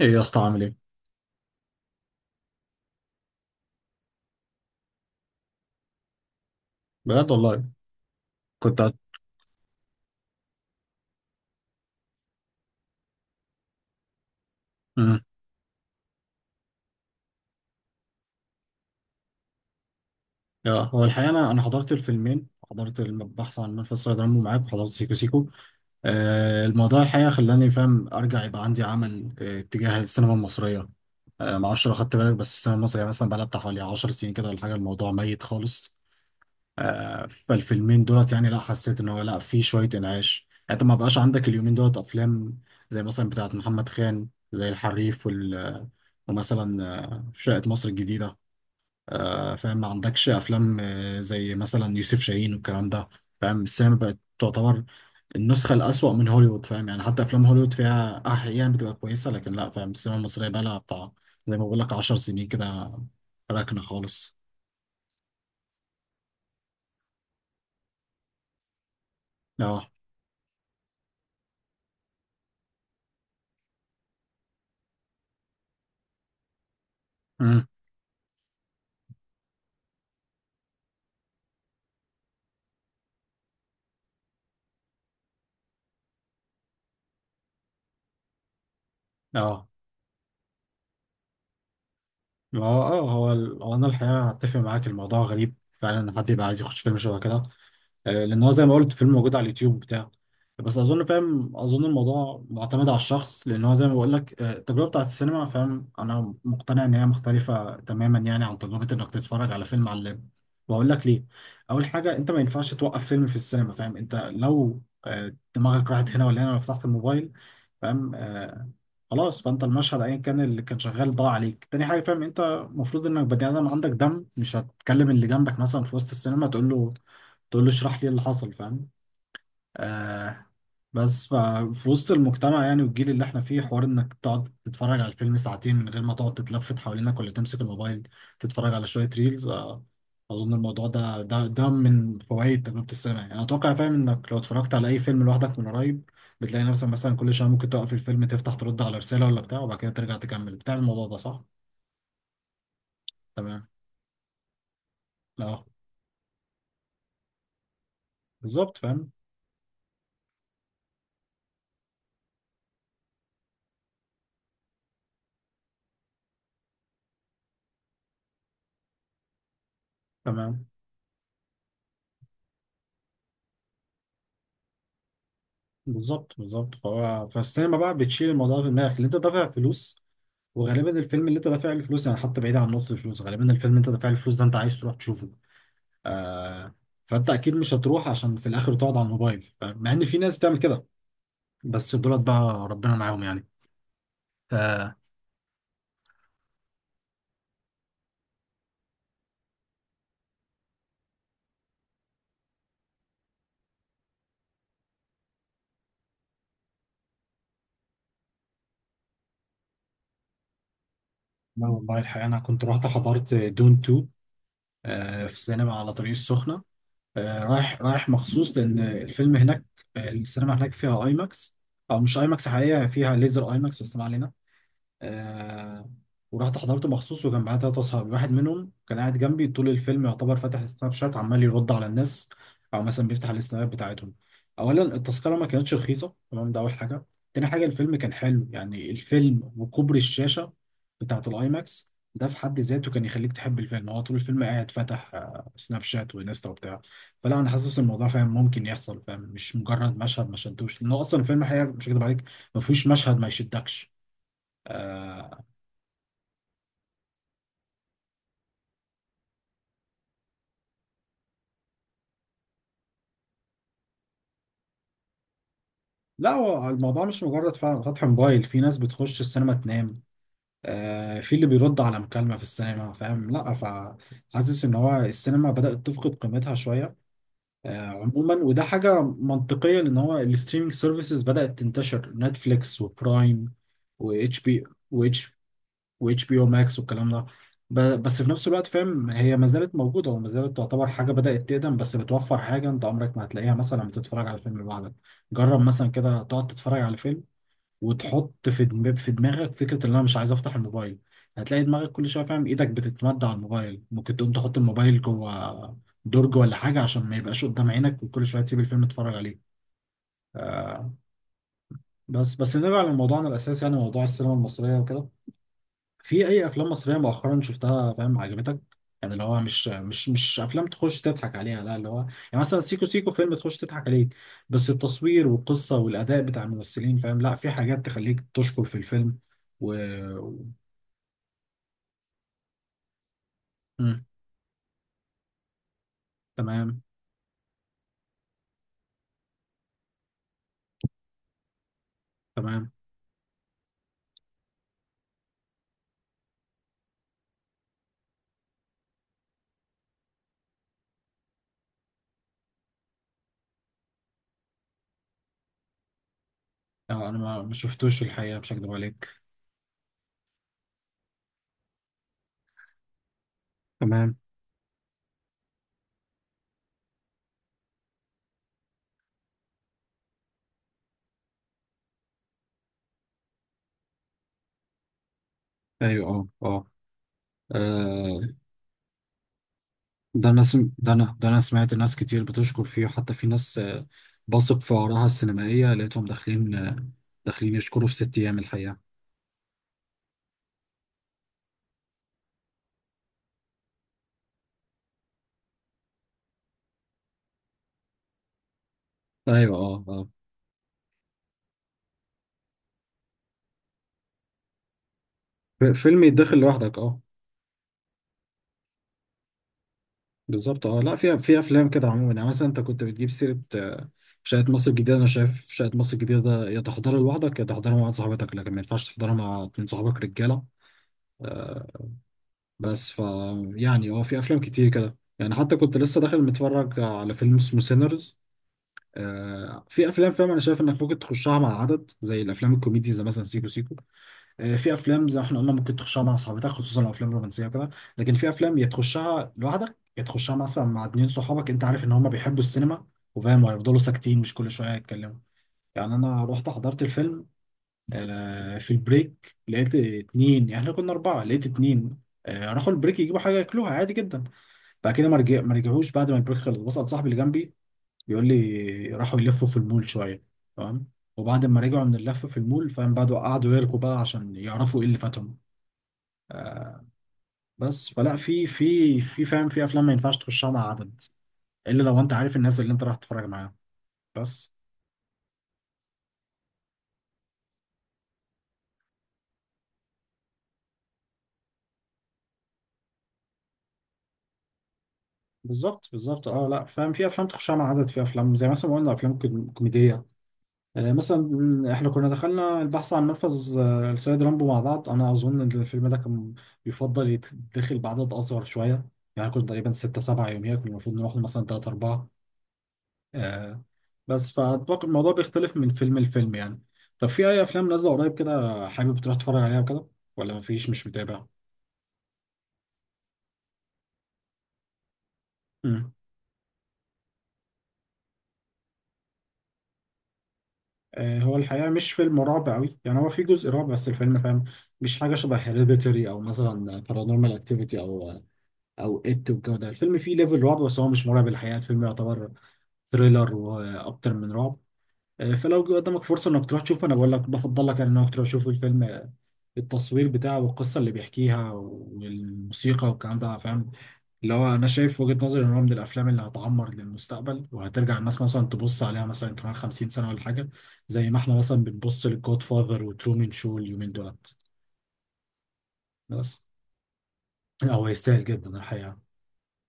ايه يا اسطى عامل ايه؟ بجد والله كنت مم. يا هو الحقيقه انا حضرت الفيلمين، حضرت البحث عن منفذ صيد عمرو معاك وحضرت سيكو سيكو. الموضوع الحقيقه خلاني فاهم ارجع يبقى عندي عمل تجاه السينما المصريه. ما اعرفش لو خدت بالك، بس السينما المصريه مثلا بقى لها بتاع حوالي 10 سنين كده ولا حاجه، الموضوع ميت خالص. فالفيلمين دولت يعني، لا حسيت ان هو لا، في شويه انعاش، يعني انت ما بقاش عندك اليومين دولت افلام زي مثلا بتاعت محمد خان، زي الحريف ومثلا شقة مصر الجديدة. فاهم ما عندكش افلام زي مثلا يوسف شاهين والكلام ده. فاهم السينما بقت تعتبر النسخه الاسوأ من هوليوود، فاهم يعني حتى افلام هوليوود فيها احيانا بتبقى كويسه، لكن لا، فاهم السينما المصريه بقى لها بتاع، زي ما بقول لك 10 سنين كده، راكنه خالص. اه. امم. اه ما هو هو انا الحقيقه هتفق معاك، الموضوع غريب فعلا ان حد يبقى عايز يخش فيلم شبه كده لان هو زي ما قلت فيلم موجود على اليوتيوب بتاع. بس اظن، فاهم، اظن الموضوع معتمد على الشخص، لان هو زي ما بقول لك التجربه بتاعت السينما، فاهم انا مقتنع ان هي مختلفه تماما يعني عن تجربه انك تتفرج على فيلم على اللاب. واقول لك ليه. اول حاجه، انت ما ينفعش توقف فيلم في السينما، فاهم انت لو دماغك راحت هنا ولا هنا، لو فتحت الموبايل، فاهم خلاص، فانت المشهد ايا كان اللي كان شغال ضاع عليك. تاني حاجه، فاهم انت المفروض انك بني ادم عندك دم، مش هتكلم اللي جنبك مثلا في وسط السينما، تقول له تقول له اشرح لي إيه اللي حصل، فاهم آه، بس ففي وسط المجتمع يعني، والجيل اللي احنا فيه، حوار انك تقعد تتفرج على الفيلم ساعتين من غير ما تقعد تتلفت حوالينك، ولا تمسك الموبايل تتفرج على شوية ريلز اظن الموضوع ده من فوائد تجربة السينما، يعني انا اتوقع، فاهم، انك لو اتفرجت على اي فيلم لوحدك من قريب بتلاقي نفسك مثلا كل شوية ممكن تقف الفيلم، تفتح ترد على رسالة ولا بتاع، وبعد كده ترجع تكمل. بتعمل الموضوع ده صح؟ تمام. اه. بالظبط، فاهم. تمام. بالظبط، بالظبط. فهو فالسينما بقى بتشيل الموضوع في دماغك اللي انت دافع فلوس، وغالبا الفيلم اللي انت دافع له فلوس، يعني حتى بعيد عن نقطة الفلوس، غالبا الفيلم اللي انت دافع له فلوس ده انت عايز تروح تشوفه. آه فانت اكيد مش هتروح عشان في الاخر تقعد على الموبايل، فاهم؟ مع ان في ناس بتعمل كده، بس دولت بقى ربنا معاهم يعني. آه لا والله، الحقيقة انا كنت رحت حضرت دون 2 في السينما على طريق السخنة، رايح رايح مخصوص لان الفيلم هناك. السينما هناك فيها اي ماكس، او مش اي ماكس حقيقة، فيها ليزر اي ماكس، بس ما علينا. آه ورحت حضرته مخصوص، وكان معايا ثلاثة أصحابي، واحد منهم كان قاعد جنبي طول الفيلم يعتبر فاتح السناب شات، عمال يرد على الناس، أو مثلا بيفتح السنابات بتاعتهم. أولا، التذكرة ما كانتش رخيصة، تمام، ده أول حاجة. تاني حاجة، الفيلم كان حلو يعني، الفيلم وكبر الشاشة بتاعة الآي ماكس ده في حد ذاته كان يخليك تحب الفيلم. هو طول الفيلم قاعد فاتح سناب شات وانستا وبتاع. فلا، انا حاسس إن الموضوع، فاهم، ممكن يحصل، فاهم مش مجرد مشهد ما شدوش، لانه اصلا الفيلم حقيقة، مش هكدب عليك، ما فيهوش مشهد ما يشدكش. آه، لا، هو الموضوع مش مجرد فعلا فتح موبايل، في ناس بتخش السينما تنام، في اللي بيرد على مكالمة في السينما، فاهم. لا، فحاسس ان هو السينما بدأت تفقد قيمتها شوية عموما، وده حاجة منطقية لان هو الستريمينج سيرفيسز بدأت تنتشر، نتفليكس وبرايم، واتش بي واتش واتش بي او ماكس والكلام ده. بس في نفس الوقت، فاهم، هي ما زالت موجودة وما زالت تعتبر حاجة بدأت تقدم، بس بتوفر حاجة انت عمرك ما هتلاقيها مثلا بتتفرج على فيلم لوحدك. جرب مثلا كده تقعد تتفرج على فيلم وتحط في دماغك فكره ان انا مش عايز افتح الموبايل. هتلاقي دماغك كل شويه، فاهم، ايدك بتتمد على الموبايل، ممكن تقوم تحط الموبايل جوه درج ولا حاجه عشان ما يبقاش قدام عينك، وكل شويه تسيب الفيلم تتفرج عليه. آه بس بس نرجع لموضوعنا الاساسي يعني، موضوع السينما المصريه وكده. في اي افلام مصريه مؤخرا شفتها، فاهم، عجبتك؟ يعني اللي هو مش افلام تخش تضحك عليها، لا اللي هو يعني مثلا سيكو سيكو فيلم تخش تضحك عليه، بس التصوير والقصه والاداء بتاع الممثلين، فاهم، لا في حاجات تخليك تشكر في الفيلم و... مم. تمام. تمام. انا ما شفتوش، الحقيقه مش هكدب عليك. تمام. ايوه، اه، اه. آه، ده انا سم... ده انا ده انا سمعت ناس كتير بتشكر فيه، حتى في ناس بثق في آرائها السينمائيه، لقيتهم داخلين داخلين يشكروا في ست ايام الحقيقه. ايوه، اه، اه. فيلم يتدخل لوحدك، اه. بالظبط، اه. لا في في افلام كده عموما يعني، مثلا انت كنت بتجيب سيره شقه مصر الجديده. انا شايف شقه مصر الجديده ده يا تحضرها لوحدك يا تحضرها مع واحد صاحبتك، لكن ما ينفعش تحضرها مع اتنين صحابك رجاله. بس يعني هو في افلام كتير كده يعني، حتى كنت لسه داخل متفرج على فيلم اسمه سينرز. في افلام، فاهم، انا شايف انك ممكن تخشها مع عدد زي الافلام الكوميدي، زي مثلا سيكو سيكو. في افلام زي ما احنا قلنا ممكن تخشها مع صحابتك خصوصا الافلام الرومانسيه وكده، لكن في افلام يا تخشها لوحدك يا تخشها مثلا مع اتنين صحابك انت عارف ان هم بيحبوا السينما، وفاهم وهيفضلوا ساكتين، مش كل شويه يتكلموا. يعني انا رحت حضرت الفيلم، في البريك لقيت اتنين، يعني احنا كنا اربعه، لقيت اتنين راحوا البريك يجيبوا حاجه ياكلوها، عادي جدا. بعد كده ما رجعوش، بعد ما البريك خلص بسأل صاحبي اللي جنبي، بيقول لي راحوا يلفوا في المول شويه. تمام. وبعد ما رجعوا من اللفه في المول، فاهم، بعدوا قعدوا يرغوا بقى عشان يعرفوا ايه اللي فاتهم. بس فلا، في، فاهم، في افلام ما ينفعش تخشها مع عدد، الا لو انت عارف الناس اللي انت رايح تتفرج معاهم. بس. بالظبط، بالظبط، اه. لا، فاهم، في افلام تخشها مع عدد، في افلام زي مثلا ما قلنا افلام كوميديه، يعني مثلا احنا كنا دخلنا البحث عن نفذ السيد رامبو مع بعض، انا اظن ان الفيلم ده كان يفضل يتدخل بعدد اصغر شويه، يعني كنا تقريبا ستة سبعة، يوميا كنا المفروض نروح له مثلا تلاتة أربعة. آه بس فأتوقع الموضوع بيختلف من فيلم لفيلم يعني. طب في أي أفلام نازلة قريب كده حابب تروح تتفرج عليها وكده، ولا مفيش مش متابع؟ مم. هو الحقيقة مش فيلم رعب أوي يعني، هو في جزء رعب بس الفيلم، فاهم، مش حاجة شبه هيريديتري أو مثلا بارانورمال أكتيفيتي أو او ات والجو ده. الفيلم فيه ليفل رعب، بس هو مش مرعب الحقيقه، الفيلم يعتبر ثريلر واكتر من رعب. فلو جه قدامك فرصه انك تروح تشوفه، انا بقول لك بفضل لك يعني انك تروح تشوف الفيلم التصوير بتاعه والقصه اللي بيحكيها والموسيقى والكلام ده، فاهم، اللي هو انا شايف وجهه نظري ان هو من الافلام اللي هتعمر للمستقبل، وهترجع الناس مثلا تبص عليها مثلا كمان 50 سنه ولا حاجه، زي ما احنا مثلا بنبص للجود فاذر وترومن شو اليومين دولت. بس. هو يستاهل جدا الحقيقه.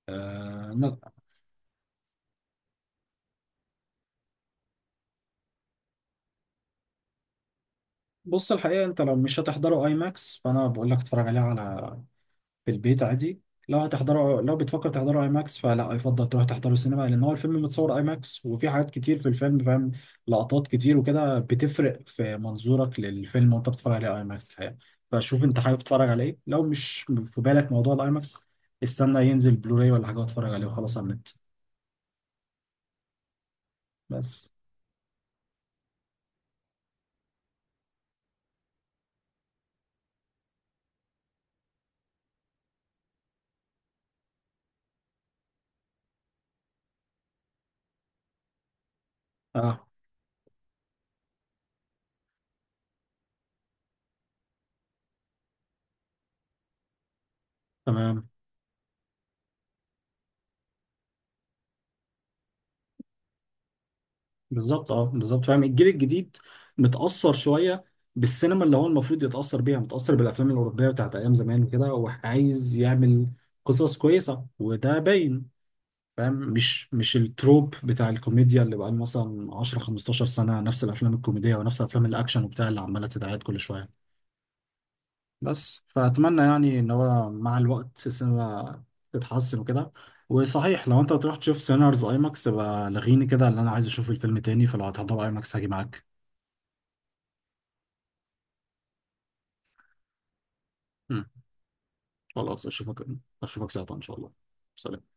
آه، بص الحقيقة انت لو مش هتحضره اي ماكس، فانا بقول لك اتفرج عليه على، في البيت عادي. لو هتحضره، لو بتفكر تحضره اي ماكس، فلا، يفضل تروح تحضره سينما، لان هو الفيلم متصور اي ماكس، وفي حاجات كتير في الفيلم، فاهم، لقطات كتير وكده بتفرق في منظورك للفيلم وانت بتتفرج عليه اي ماكس الحقيقة. فشوف انت حابب تتفرج على ايه، لو مش في بالك موضوع الاي ماكس استنى ينزل بلوراي ولا حاجة واتفرج عليه وخلاص على النت. بس. اه. تمام. بالظبط، اه. بالظبط، فاهم الجيل الجديد متأثر شوية بالسينما اللي هو المفروض يتأثر بيها، متأثر بالأفلام الأوروبية بتاعت أيام زمان وكده، هو عايز يعمل قصص كويسة وده باين. فاهم مش مش التروب بتاع الكوميديا اللي بقى مثلا 10 15 سنة نفس الأفلام الكوميدية ونفس الأفلام الأكشن وبتاع اللي عمالة تتعاد كل شوية. بس. فأتمنى يعني إن هو مع الوقت السينما تتحسن وكده. وصحيح، لو انت هتروح تشوف سينارز ايماكس يبقى لغيني كده، اللي انا عايز اشوف الفيلم تاني، فلو هتحضر ايماكس هاجي معاك. مم. خلاص، اشوفك ساعتها ان شاء الله. سلام.